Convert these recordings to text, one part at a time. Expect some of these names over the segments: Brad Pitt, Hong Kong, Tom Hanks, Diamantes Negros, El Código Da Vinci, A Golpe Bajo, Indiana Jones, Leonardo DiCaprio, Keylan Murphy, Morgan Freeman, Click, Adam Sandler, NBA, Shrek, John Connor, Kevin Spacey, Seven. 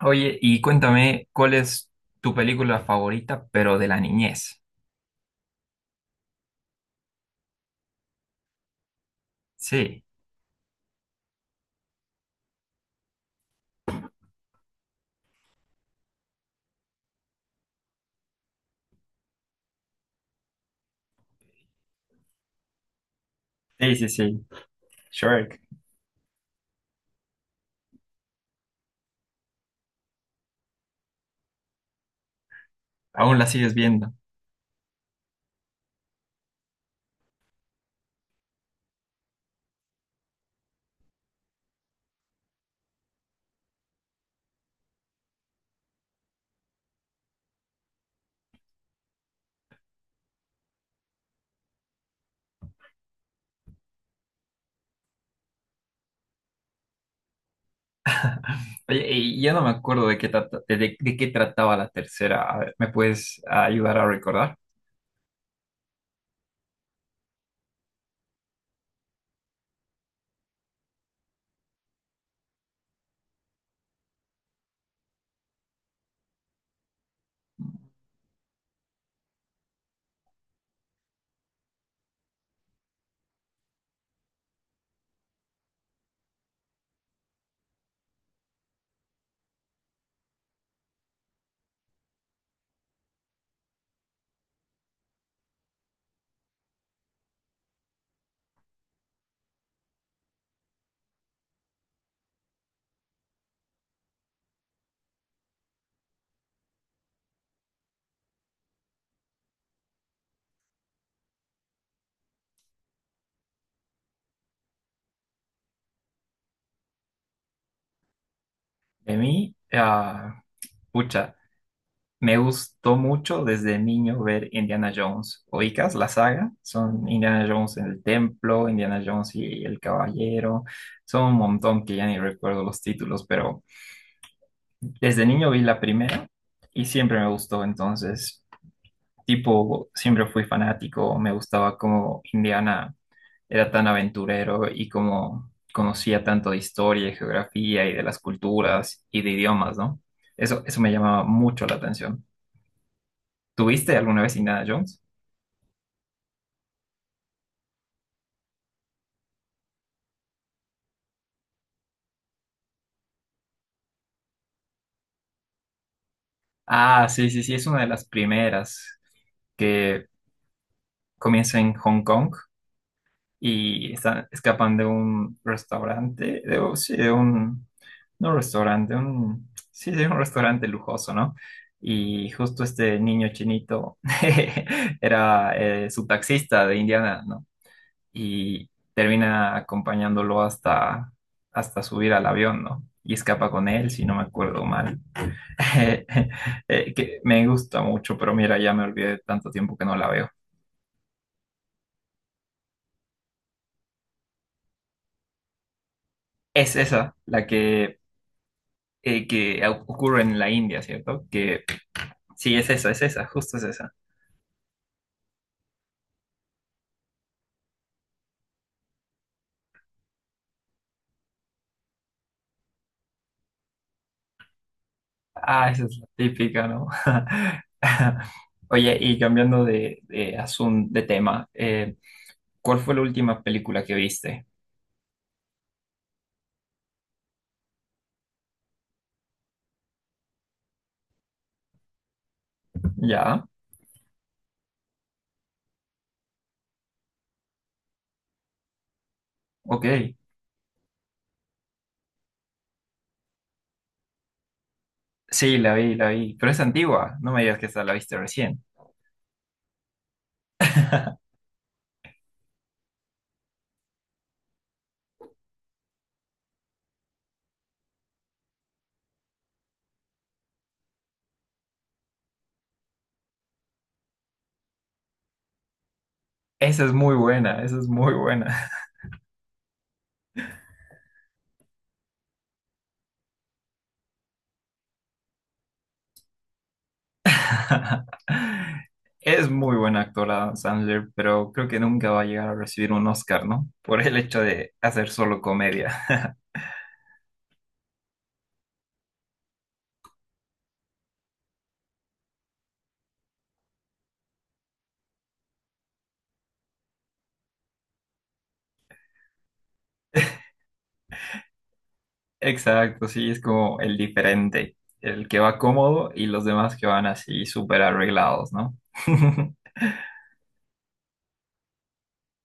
Oye, y cuéntame, ¿cuál es tu película favorita, pero de la niñez? Sí, sí, sí, sí. Shrek. Aún la sigues viendo. Oye, y ya no me acuerdo de qué trataba la tercera. A ver, ¿me puedes ayudar a recordar? De mí, ah, pucha, me gustó mucho desde niño ver Indiana Jones. ¿Oicas la saga? Son Indiana Jones en el templo, Indiana Jones y el caballero. Son un montón que ya ni recuerdo los títulos, pero desde niño vi la primera y siempre me gustó, entonces, tipo, siempre fui fanático, me gustaba cómo Indiana era tan aventurero y cómo conocía tanto de historia y geografía y de las culturas y de idiomas, ¿no? Eso me llamaba mucho la atención. ¿Tuviste alguna vez Indiana Jones? Ah, sí, sí, sí, es una de las primeras que comienza en Hong Kong y están, escapan de un restaurante, de, un- sí, no restaurante, un, sí, de un restaurante lujoso, ¿no? Y justo este niño chinito era su taxista de Indiana, ¿no? Y termina acompañándolo hasta, hasta subir al avión, ¿no? Y escapa con él, si no me acuerdo mal. Que me gusta mucho, pero mira, ya me olvidé de tanto tiempo que no la veo. Es esa la que ocurre en la India, ¿cierto? Que sí, es esa, justo es esa. Ah, esa es la típica, ¿no? Oye, y cambiando de asunto, de tema, ¿cuál fue la última película que viste? Ya, ok. Sí, la vi, pero es antigua, no me digas que esta la viste recién. Esa es muy buena, esa es muy buena. Es muy buena actora Adam Sandler, pero creo que nunca va a llegar a recibir un Oscar, ¿no? Por el hecho de hacer solo comedia. Exacto, sí, es como el diferente, el que va cómodo y los demás que van así súper arreglados, ¿no?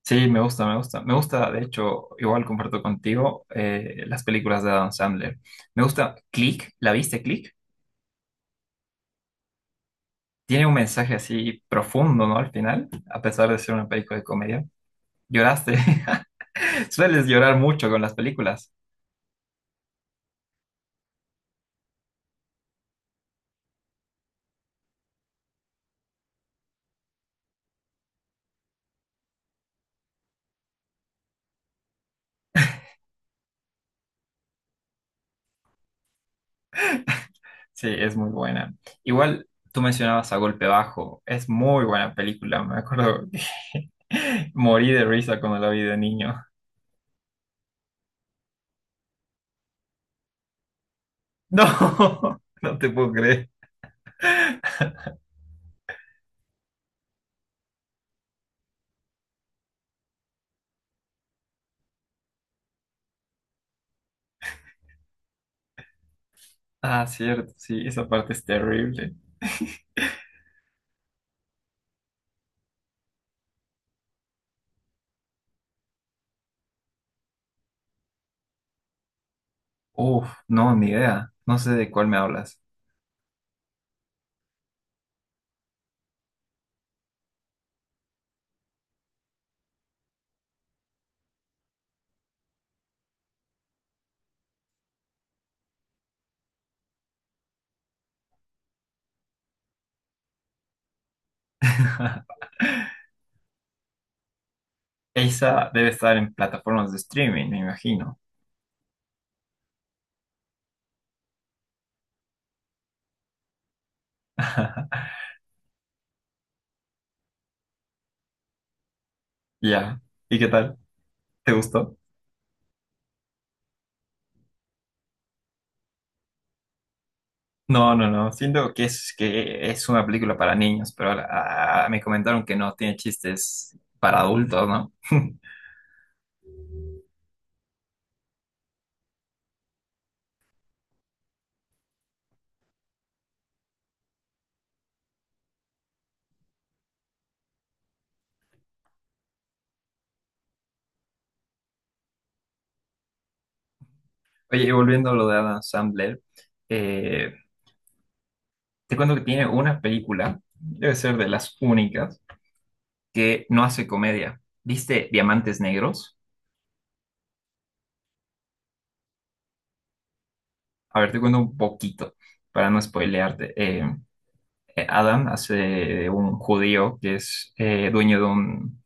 Sí, me gusta, me gusta. Me gusta, de hecho, igual comparto contigo las películas de Adam Sandler. Me gusta Click, ¿la viste Click? Tiene un mensaje así profundo, ¿no? Al final, a pesar de ser una película de comedia. ¿Lloraste? Sueles llorar mucho con las películas. Sí, es muy buena. Igual tú mencionabas A Golpe Bajo. Es muy buena película. Me acuerdo que morí de risa cuando la vi de niño. No, no te puedo creer. Ah, cierto, sí, esa parte es terrible. Uf, no, ni idea. No sé de cuál me hablas. Esa debe estar en plataformas de streaming, me imagino. Ya. ¿Y qué tal? ¿Te gustó? No, no, no. Siento que es una película para niños, pero me comentaron que no tiene chistes para adultos, ¿no? Oye, y volviendo a lo de Adam Sandler, eh, te cuento que tiene una película, debe ser de las únicas, que no hace comedia. ¿Viste Diamantes Negros? A ver, te cuento un poquito para no spoilearte. Adam hace un judío que es dueño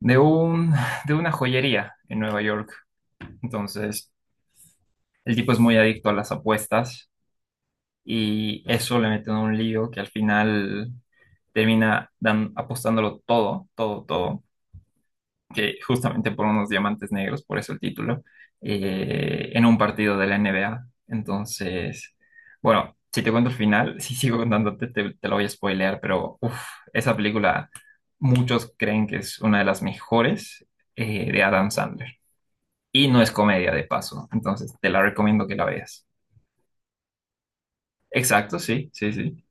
de un, de una joyería en Nueva York. Entonces el tipo es muy adicto a las apuestas y eso le mete en un lío que al final termina apostándolo todo, todo, todo, que justamente por unos diamantes negros, por eso el título, en un partido de la NBA. Entonces, bueno, si te cuento el final, si sigo contándote, te lo voy a spoilear, pero uf, esa película muchos creen que es una de las mejores de Adam Sandler. Y no es comedia de paso, entonces te la recomiendo que la veas. Exacto, sí, sí, sí.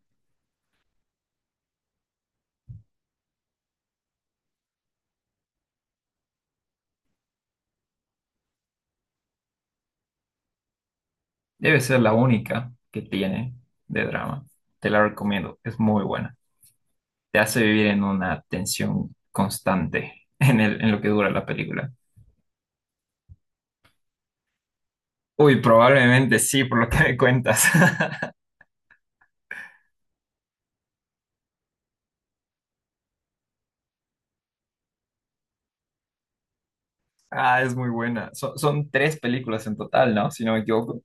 Debe ser la única que tiene de drama. Te la recomiendo, es muy buena. Te hace vivir en una tensión constante en lo que dura la película. Uy, probablemente sí, por lo que me cuentas. Ah, es muy buena. Son, son tres películas en total, ¿no? Si no me equivoco.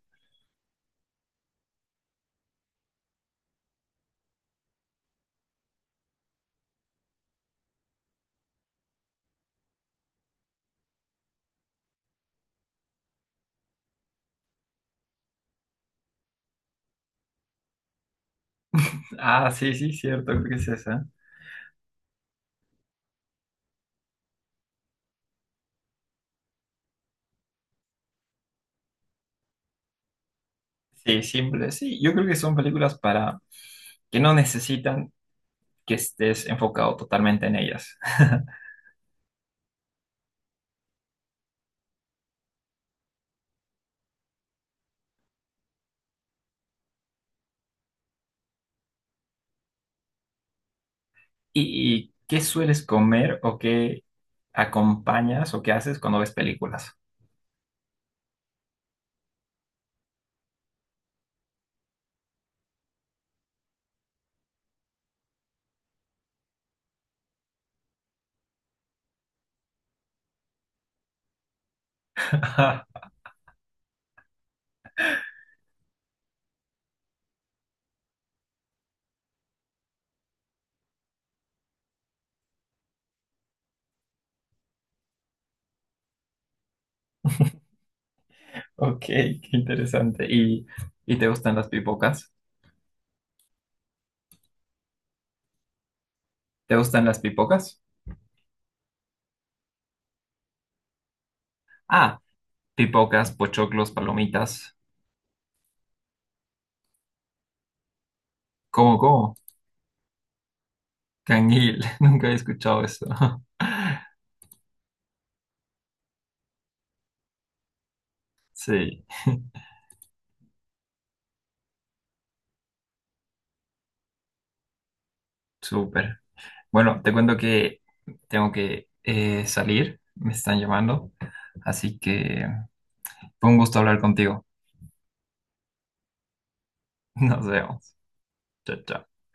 Ah, sí, sí, cierto, creo que es esa. Sí, simple. Sí, yo creo que son películas para que no necesitan que estés enfocado totalmente en ellas. ¿Y qué sueles comer o qué acompañas o qué haces cuando ves películas? Ok, qué interesante. Y te gustan las pipocas? ¿Te gustan las pipocas? Ah, pipocas, pochoclos, palomitas. ¿Cómo, cómo? Canguil, nunca he escuchado eso. Sí, súper. Bueno, te cuento que tengo que salir, me están llamando, así que fue un gusto hablar contigo. Nos vemos. Chao, chao.